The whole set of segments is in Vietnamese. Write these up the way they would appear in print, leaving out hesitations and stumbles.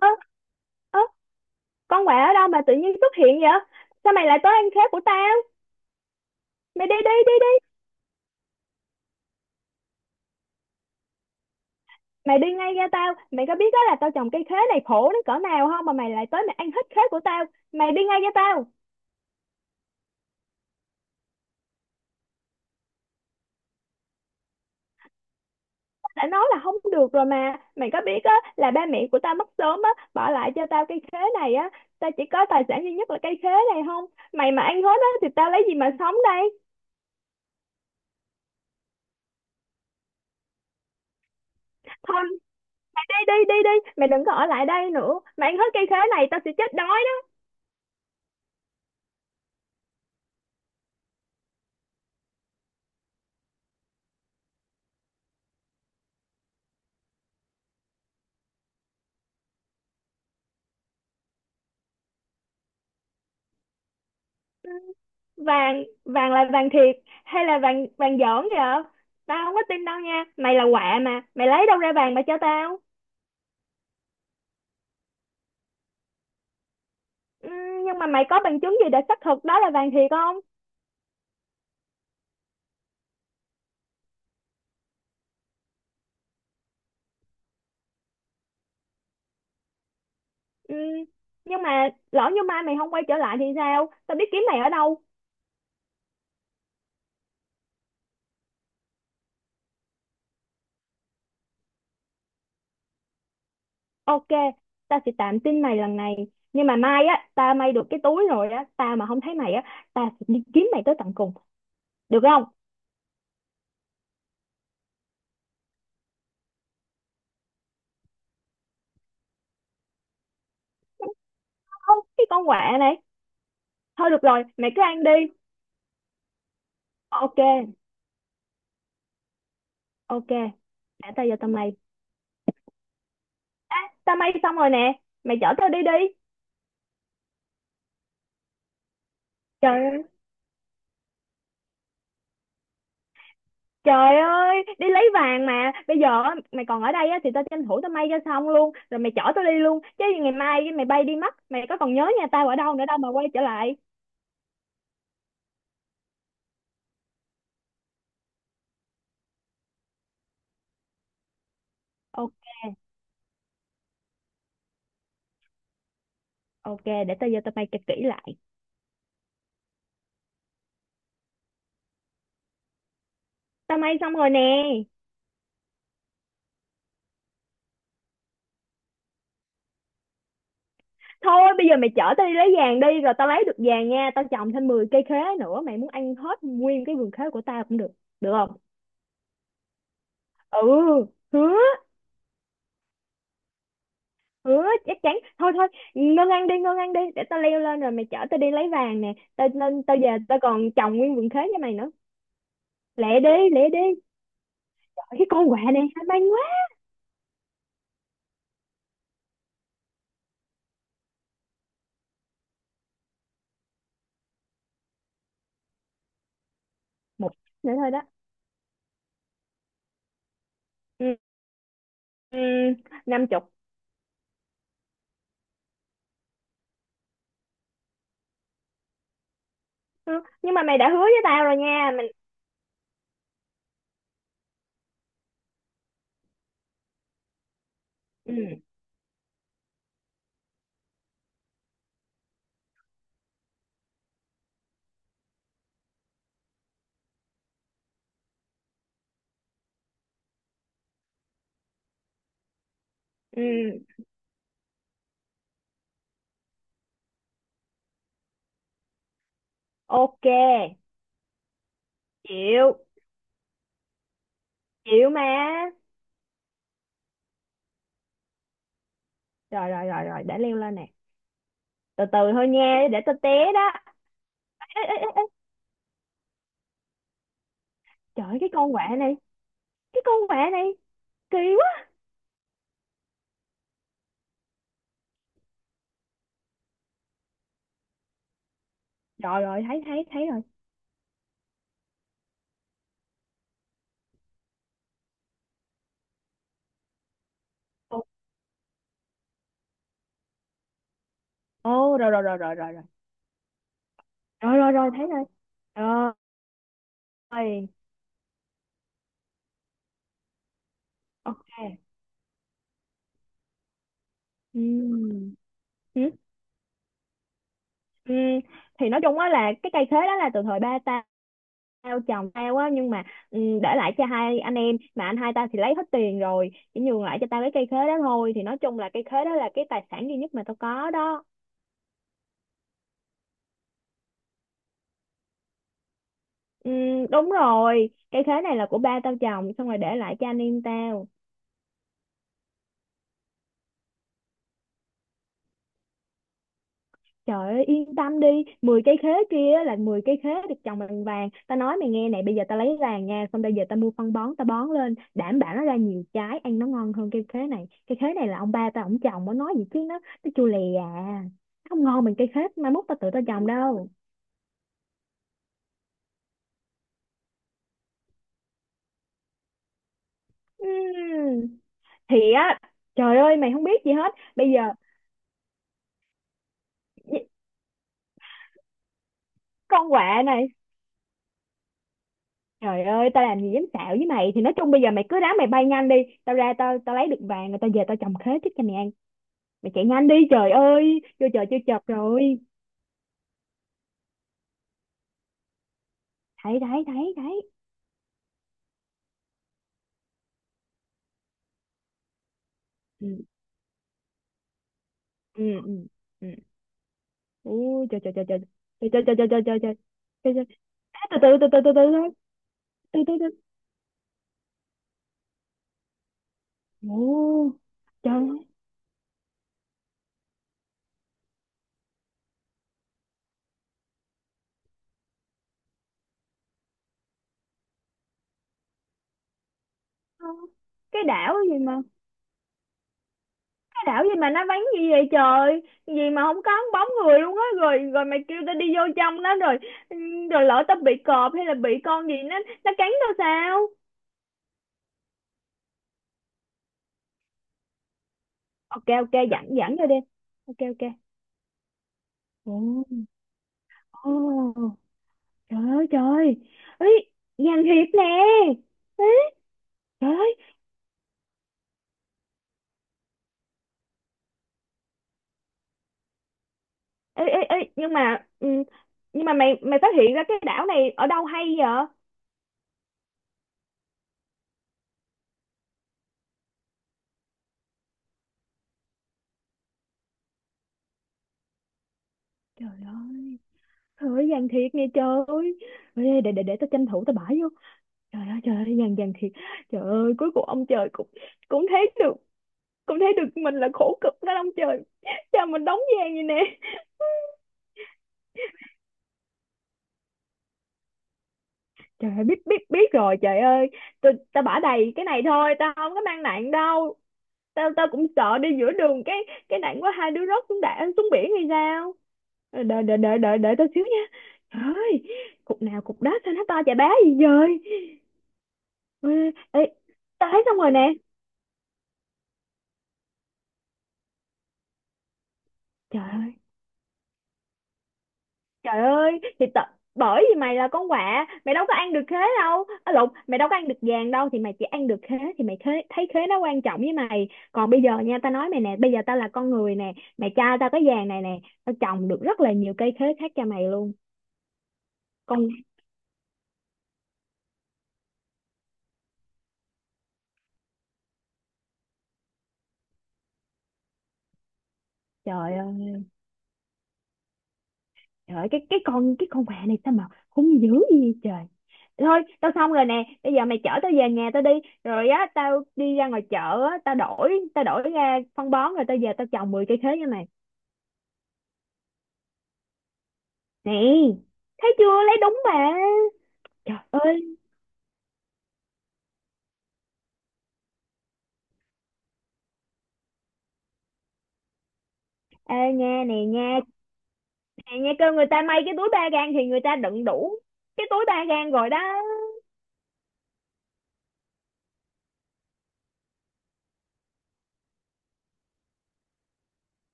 Ơ ơ, con quạ ở đâu mà tự nhiên xuất hiện vậy? Sao mày lại tới ăn khế của tao? Mày đi đi đi đi. Mày đi ngay ra, tao mày có biết đó là tao trồng cây khế này khổ đến cỡ nào không mà mày lại tới mày ăn hết khế của tao? Mày đi ngay ra tao. Tao đã nói là không được rồi mà, mày có biết á là ba mẹ của tao mất sớm á, bỏ lại cho tao cây khế này á. Tao chỉ có tài sản duy nhất là cây khế này không, mày mà ăn hết á thì tao lấy gì mà sống đây? Thôi đi đi đi đi, mày đừng có ở lại đây nữa, mày ăn hết cây khế này tao sẽ chết đói. Vàng, vàng là vàng thiệt hay là vàng vàng giỡn vậy? Tao không có tin đâu nha, mày là quạ mà mày lấy đâu ra vàng mà cho tao? Ừm, nhưng mà mày có bằng chứng gì để xác thực đó là vàng thiệt không? Ừm, nhưng mà lỡ như mai mày không quay trở lại thì sao tao biết kiếm mày ở đâu? Ok, tao sẽ tạm tin mày lần này, nhưng mà mai á tao may được cái túi rồi á, tao mà không thấy mày á tao sẽ đi kiếm mày tới tận cùng, được không? Không, cái con quạ này, thôi được rồi mày cứ ăn đi. Ok, ok, để tao vô tao may. Tao may xong rồi nè, mày chở tao đi đi. Trời ơi, trời ơi đi lấy vàng mà bây giờ á, mày còn ở đây á thì tao tranh thủ tao may cho xong luôn rồi mày chở tao đi luôn, chứ ngày mai mày bay đi mất mày có còn nhớ nhà tao ở đâu nữa đâu mà quay trở lại? Ô- ok, để tao vô tao may cho kỹ lại. Tao may xong rồi nè. Thôi bây giờ mày chở tao đi lấy vàng đi, rồi tao lấy được vàng nha tao trồng thêm 10 cây khế nữa, mày muốn ăn hết nguyên cái vườn khế của tao cũng được, được không? Ừ. Ừ, chắc chắn. Thôi thôi, ngân ăn đi, ngân ăn đi. Để tao leo lên rồi mày chở tao đi lấy vàng nè. Tao lên tao về tao còn trồng nguyên vườn khế cho mày nữa. Lẹ đi, lẹ đi. Trời, cái con quạ này hay mang quá. Một nữa thôi đó. Ừ, ừ, 50. Ừ, nhưng mà mày đã hứa với tao rồi nha mình. Ừ, ừ, ok. Chịu. Chịu mà. Rồi rồi rồi rồi, để leo lên nè. Từ từ thôi nha, để tao té đó. Ê, ê, ê, ê. Trời, cái con quạ này. Cái con quạ này kỳ quá. Rồi rồi, thấy thấy thấy rồi. Ok. Ồ, rồi rồi rồi rồi rồi rồi rồi rồi rồi, thấy rồi. Rồi ok. Ừ, ừ. Ừm, thì nói chung á là cái cây khế đó là từ thời ba tao, tao chồng tao á, nhưng mà để lại cho hai anh em, mà anh hai tao thì lấy hết tiền rồi chỉ nhường lại cho tao cái cây khế đó thôi, thì nói chung là cây khế đó là cái tài sản duy nhất mà tao có đó. Đúng rồi, cây khế này là của ba tao trồng xong rồi để lại cho anh em tao. Trời ơi yên tâm đi, 10 cây khế kia á là 10 cây khế được trồng bằng vàng. Ta nói mày nghe này, bây giờ ta lấy vàng nha. Xong bây giờ ta mua phân bón ta bón lên, đảm bảo nó ra nhiều trái ăn nó ngon hơn cây khế này. Cây khế này là ông ba ta ổng trồng, nó nói gì chứ nó chua lè à. Nó không ngon bằng cây khế mai mốt ta tự ta trồng đâu. Ừm, Thì á trời ơi mày không biết gì hết. Bây giờ con quạ này, trời ơi, tao làm gì dám xạo với mày. Thì nói chung bây giờ mày cứ ráng mày bay nhanh đi. Tao ra tao tao lấy được vàng. Rồi tao về tao trồng khế trước cho mày ăn. Mày chạy nhanh đi, trời ơi vô chợ chưa chập rồi. Thấy thấy thấy thấy. Ừ ừ ừ ừ. Ui trời trời trời trời trời trời trời trời trời trời trời trời trời. À, từ từ từ từ từ từ thôi, từ từ từ. Ồ. Trời ơi, cái đảo gì mà cái đảo gì mà nó vắng gì vậy trời, gì mà không có bóng người luôn á. Rồi rồi mày kêu tao đi vô trong đó rồi, ừ, rồi lỡ tao bị cọp hay là bị con gì nó cắn tao sao? Ok, ok, dẫn dẫn vô đi. Ok, ok. Ồ. Trời ơi trời ơi. Ê, Giang Hiệp nè. Ê, trời ơi. Ê, ê, ê, nhưng mà ừ, nhưng mà mày mày phát hiện ra cái đảo này ở đâu hay vậy? Trời ơi. Trời ơi Giang Thiệt nè trời ơi. Ê, để tao tranh thủ tao bãi vô. Trời ơi Giang Giang Thiệt. Trời ơi cuối cùng ông trời cũng cũng thấy được, mình là khổ cực đó ông trời. Cha mình đóng gian vậy nè. Trời ơi biết biết biết rồi trời ơi. Tao bả đầy cái này thôi, tao không có mang nặng đâu. Tao tao cũng sợ đi giữa đường cái, nặng quá hai đứa rớt xuống đạn xuống biển hay sao. Ờ, đợi đợi đợi đợi đợi tao xíu nha. Trời ơi, cục nào cục đó sao nó to chà bá gì vậy. Ê, ê, tao thấy xong rồi nè. Trời ơi trời ơi thì tao bởi vì mày là con quạ mày đâu có ăn được khế đâu, à lộn, mày đâu có ăn được vàng đâu, thì mày chỉ ăn được khế thì mày khế, thấy khế nó quan trọng với mày, còn bây giờ nha tao nói mày nè, bây giờ tao là con người nè. Mày cho tao cái vàng này nè tao trồng được rất là nhiều cây khế khác cho mày luôn. Con, trời ơi. Trời ơi, cái con quà này sao mà hung dữ gì vậy trời. Thôi, tao xong rồi nè, bây giờ mày chở tao về nhà tao đi, rồi á tao đi ra ngoài chợ á, tao đổi ra phân bón rồi tao về tao trồng 10 cây khế cho mày. Nè, thấy chưa, lấy đúng mà. Trời ơi, ê nha nè nha, nè nha, kêu người ta may cái túi ba gang thì người ta đựng đủ cái túi ba gang rồi đó.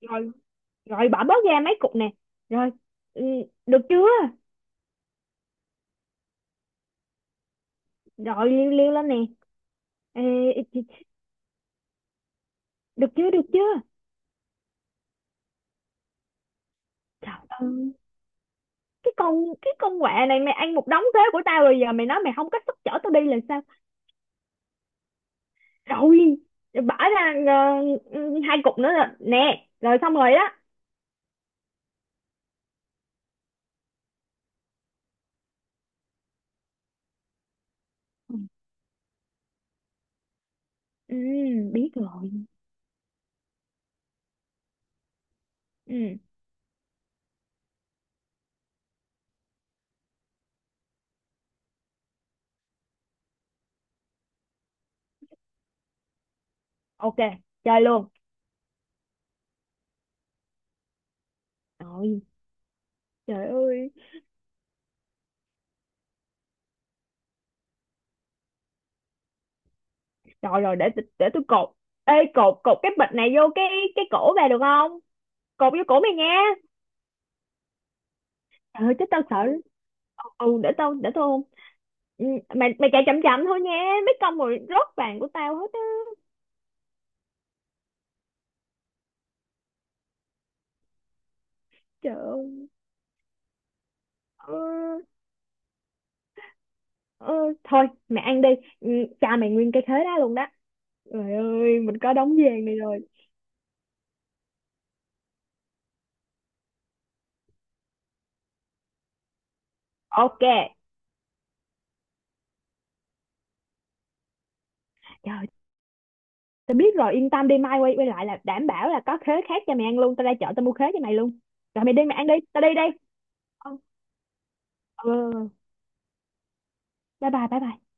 Rồi rồi, bỏ bớt ra mấy cục nè. Rồi, ừ, được chưa? Rồi liêu liêu lên nè. Ê, được chưa, được chưa? Trời ơi, cái con cái con quạ này mày ăn một đống thuế của tao rồi giờ mày nói mày không có sức chở tao đi là sao? Rồi, bỏ ra hai cục nữa là nè, rồi xong rồi đó. Ừ, ừ, biết rồi. Ừ, ok, chơi luôn. Rồi, trời ơi. Rồi rồi, để tôi cột. Ê cột, cái bịch này vô cái, cổ về được không? Cột vô cổ mày nha. Trời ơi, chứ tao sợ. Ừ, để tao ôm. Ừ, mày mày chạy chậm chậm thôi nha. Mấy con rồi rớt vàng của tao hết á. Trời ơi. Ờ, ờ, thôi mẹ ăn đi. Ừ, cha mày nguyên cái khế đó luôn đó. Trời ơi mình có đống vàng này rồi. Ok. Trời, tao biết rồi yên tâm đi, mai quay quay lại là đảm bảo là có khế khác cho mày ăn luôn, tao ra chợ tao mua khế cho mày luôn. Rồi mày đi mày ăn đi tao đi đây. Ừ, ừ, bye bye bye bye.